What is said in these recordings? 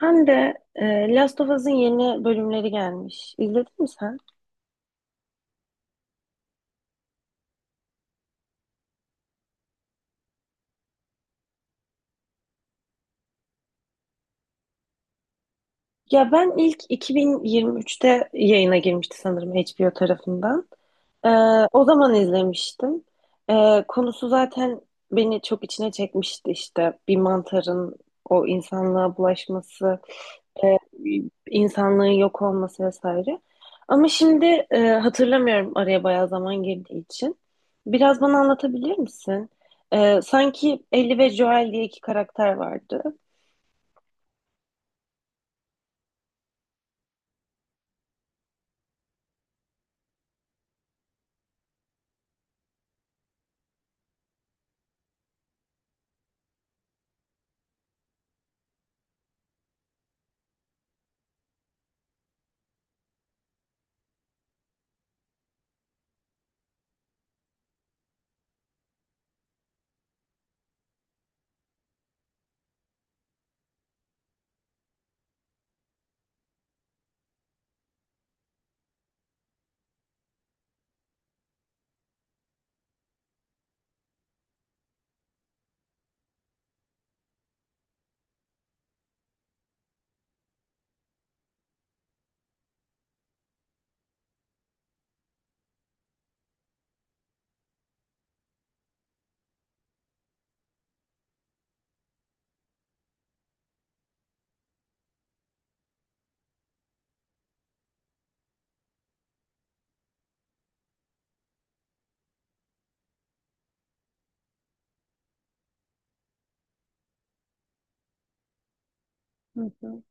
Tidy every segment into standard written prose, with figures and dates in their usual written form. Ben de Last of Us'ın yeni bölümleri gelmiş. İzledin mi sen? Ya ben ilk 2023'te yayına girmişti sanırım HBO tarafından. E, O zaman izlemiştim. Konusu zaten beni çok içine çekmişti işte. Bir mantarın o insanlığa bulaşması, insanlığın yok olması vesaire. Ama şimdi hatırlamıyorum araya bayağı zaman girdiği için. Biraz bana anlatabilir misin? Sanki Ellie ve Joel diye iki karakter vardı. Hı hı.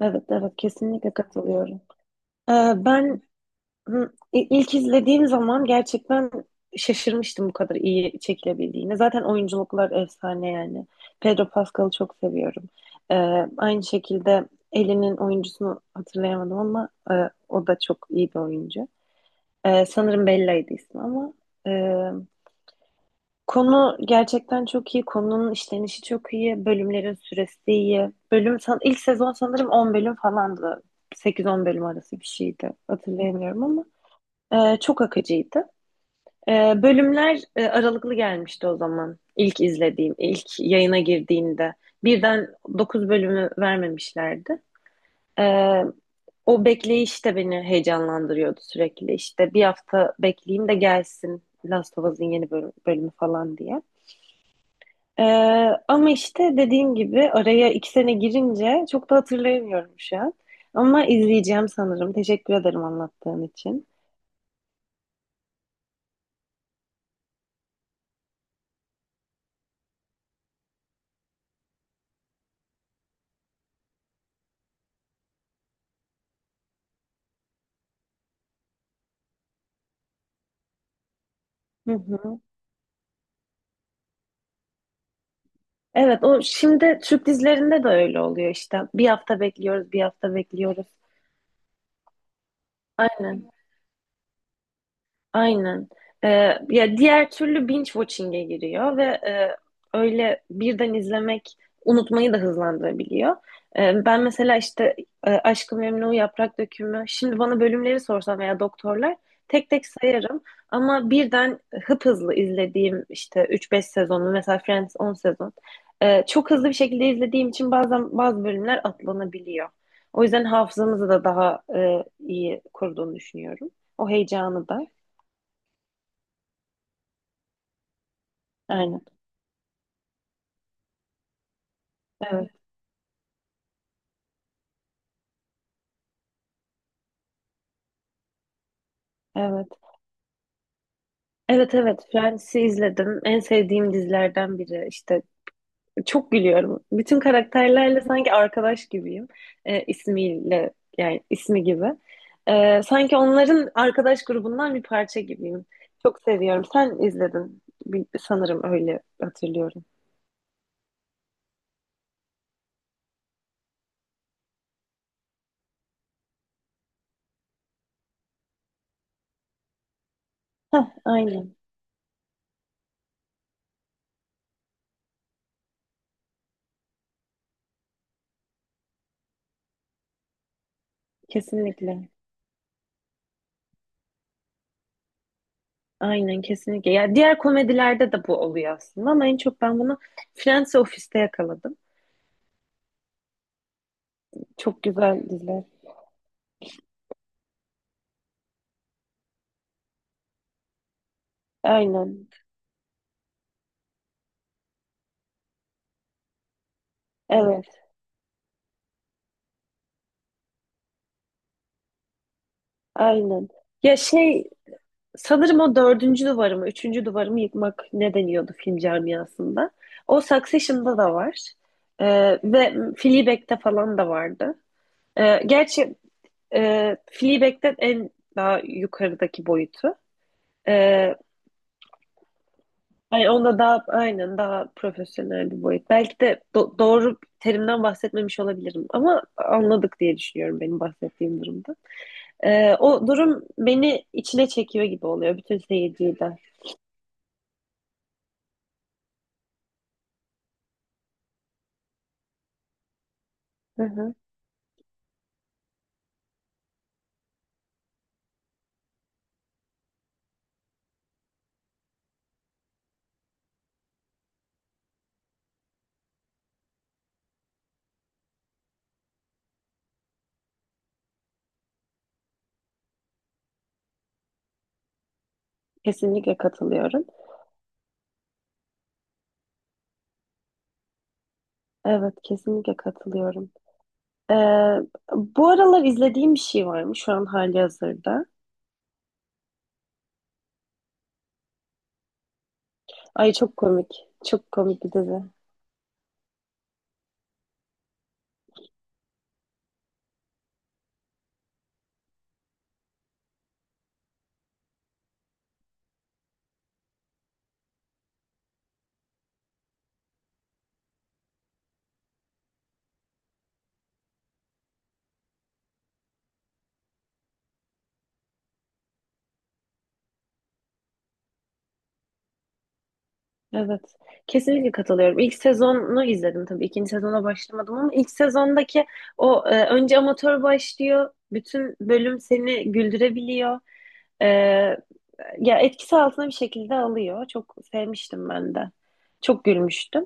Evet, evet, kesinlikle katılıyorum. E, ben İlk izlediğim zaman gerçekten şaşırmıştım bu kadar iyi çekilebildiğine. Zaten oyunculuklar efsane yani. Pedro Pascal'ı çok seviyorum. Ee, Aynı şekilde Ellie'nin oyuncusunu hatırlayamadım ama o da çok iyi bir oyuncu. Sanırım Bella'ydı ismi ama e, konu gerçekten çok iyi. Konunun işlenişi çok iyi. Bölümlerin süresi iyi. Bölüm san ilk sezon sanırım 10 bölüm falandı. 8-10 bölüm arası bir şeydi. Hatırlayamıyorum ama. Çok akıcıydı. Bölümler aralıklı gelmişti o zaman. İlk yayına girdiğinde. Birden 9 bölümü vermemişlerdi. Ee, O bekleyiş de beni heyecanlandırıyordu sürekli. İşte bir hafta bekleyeyim de gelsin Last of Us'ın bölümü falan diye. Ee, Ama işte dediğim gibi araya iki sene girince çok da hatırlayamıyorum şu an. Ama izleyeceğim sanırım. Teşekkür ederim anlattığın için. Hı hı. Evet, o şimdi Türk dizilerinde de öyle oluyor işte. Bir hafta bekliyoruz, bir hafta bekliyoruz. Aynen. Aynen. Ee, Ya diğer türlü binge watching'e giriyor ve öyle birden izlemek unutmayı da hızlandırabiliyor. Ben mesela işte Aşk-ı Memnu, Yaprak Dökümü, şimdi bana bölümleri sorsam veya doktorlar tek tek sayarım ama birden hıp hızlı izlediğim işte üç beş sezonu mesela Friends 10 sezon çok hızlı bir şekilde izlediğim için bazen bazı bölümler atlanabiliyor. O yüzden hafızamızı da daha iyi koruduğunu düşünüyorum. O heyecanı da. Aynen. Evet, evet. Evet, evet, Friends'i izledim. En sevdiğim dizilerden biri. İşte çok gülüyorum. Bütün karakterlerle sanki arkadaş gibiyim. İsmiyle yani ismi gibi. Sanki onların arkadaş grubundan bir parça gibiyim. Çok seviyorum. Sen izledin. Sanırım öyle hatırlıyorum. Heh, aynen. Kesinlikle. Aynen, kesinlikle. Ya diğer komedilerde de bu oluyor aslında ama en çok ben bunu Friends ve Office'te yakaladım. Çok güzel diziler. Aynen. Evet, aynen. Ya şey, sanırım o dördüncü duvarımı, üçüncü duvarımı yıkmak ne deniyordu film camiasında. O Succession'da da var. Ve Fleabag'de falan da vardı. Gerçi Fleabag'den en daha yukarıdaki boyutu. Ee, Yani onda daha, aynen, daha profesyonel bir boyut. Belki de doğru terimden bahsetmemiş olabilirim ama anladık diye düşünüyorum benim bahsettiğim durumda. O durum beni içine çekiyor gibi oluyor bütün seyirciyi de. Hı hı. Kesinlikle katılıyorum. Evet, kesinlikle katılıyorum. Ee, Bu aralar izlediğim bir şey var mı şu an hali hazırda? Ay, çok komik. Çok komik bir dizi. Evet. Kesinlikle katılıyorum. İlk sezonu izledim tabii. İkinci sezona başlamadım ama ilk sezondaki o önce amatör başlıyor. Bütün bölüm seni güldürebiliyor. Ee, Ya etkisi altına bir şekilde alıyor. Çok sevmiştim ben de. Çok gülmüştüm.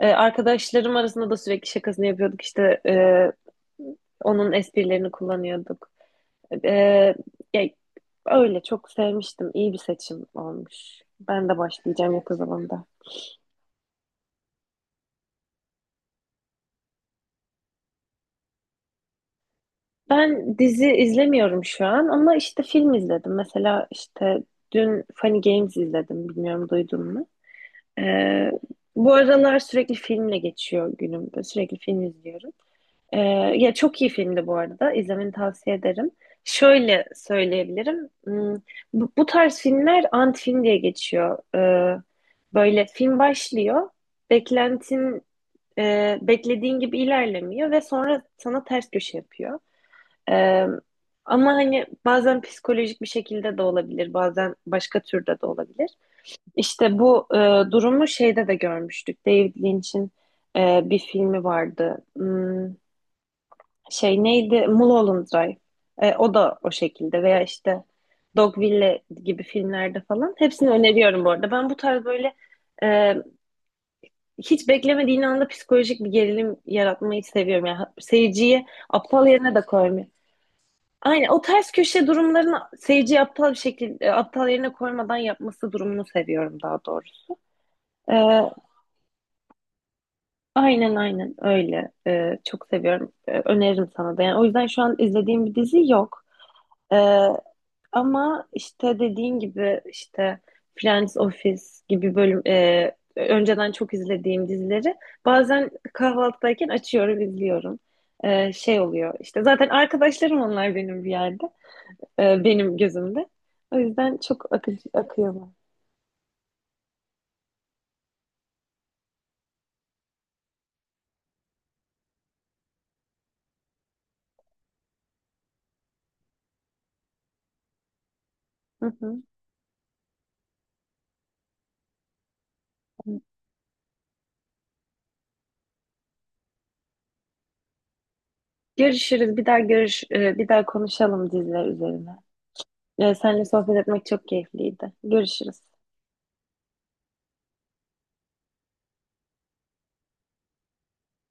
Arkadaşlarım arasında da sürekli şakasını yapıyorduk. İşte onun esprilerini kullanıyorduk. Ee, ya, Öyle çok sevmiştim. İyi bir seçim olmuş. Ben de başlayacağım yakın zamanda. Ben dizi izlemiyorum şu an ama işte film izledim. Mesela işte dün Funny Games izledim. Bilmiyorum, duydun mu? Ee, Bu aralar sürekli filmle geçiyor günüm. Böyle sürekli film izliyorum. Ee, Ya çok iyi filmdi bu arada. İzlemeni tavsiye ederim. Şöyle söyleyebilirim. Bu tarz filmler ant film diye geçiyor. Böyle film başlıyor. Beklentin Beklediğin gibi ilerlemiyor ve sonra sana ters köşe yapıyor. Ee, Ama hani bazen psikolojik bir şekilde de olabilir, bazen başka türde de olabilir. İşte bu durumu şeyde de görmüştük. David Lynch'in bir filmi vardı. Şey, neydi? Mulholland Drive. E, o da o şekilde veya işte Dogville gibi filmlerde falan. Hepsini öneriyorum bu arada. Ben bu tarz böyle e, hiç beklemediğin anda psikolojik bir gerilim yaratmayı seviyorum. Yani seyirciyi aptal yerine de koymuyor. Aynen, o ters köşe durumlarını seyirciyi aptal bir şekilde aptal yerine koymadan yapması durumunu seviyorum daha doğrusu. Ee, Aynen, aynen öyle. Çok seviyorum. Öneririm sana da. Yani o yüzden şu an izlediğim bir dizi yok. Ee, Ama işte dediğin gibi işte Friends Office gibi önceden çok izlediğim dizileri bazen kahvaltıdayken açıyorum, izliyorum. Şey oluyor işte, zaten arkadaşlarım onlar benim bir yerde. Benim gözümde. O yüzden çok akıyorlar. Hı hı. Görüşürüz. Bir daha konuşalım diziler üzerine. Seninle sohbet etmek çok keyifliydi. Görüşürüz.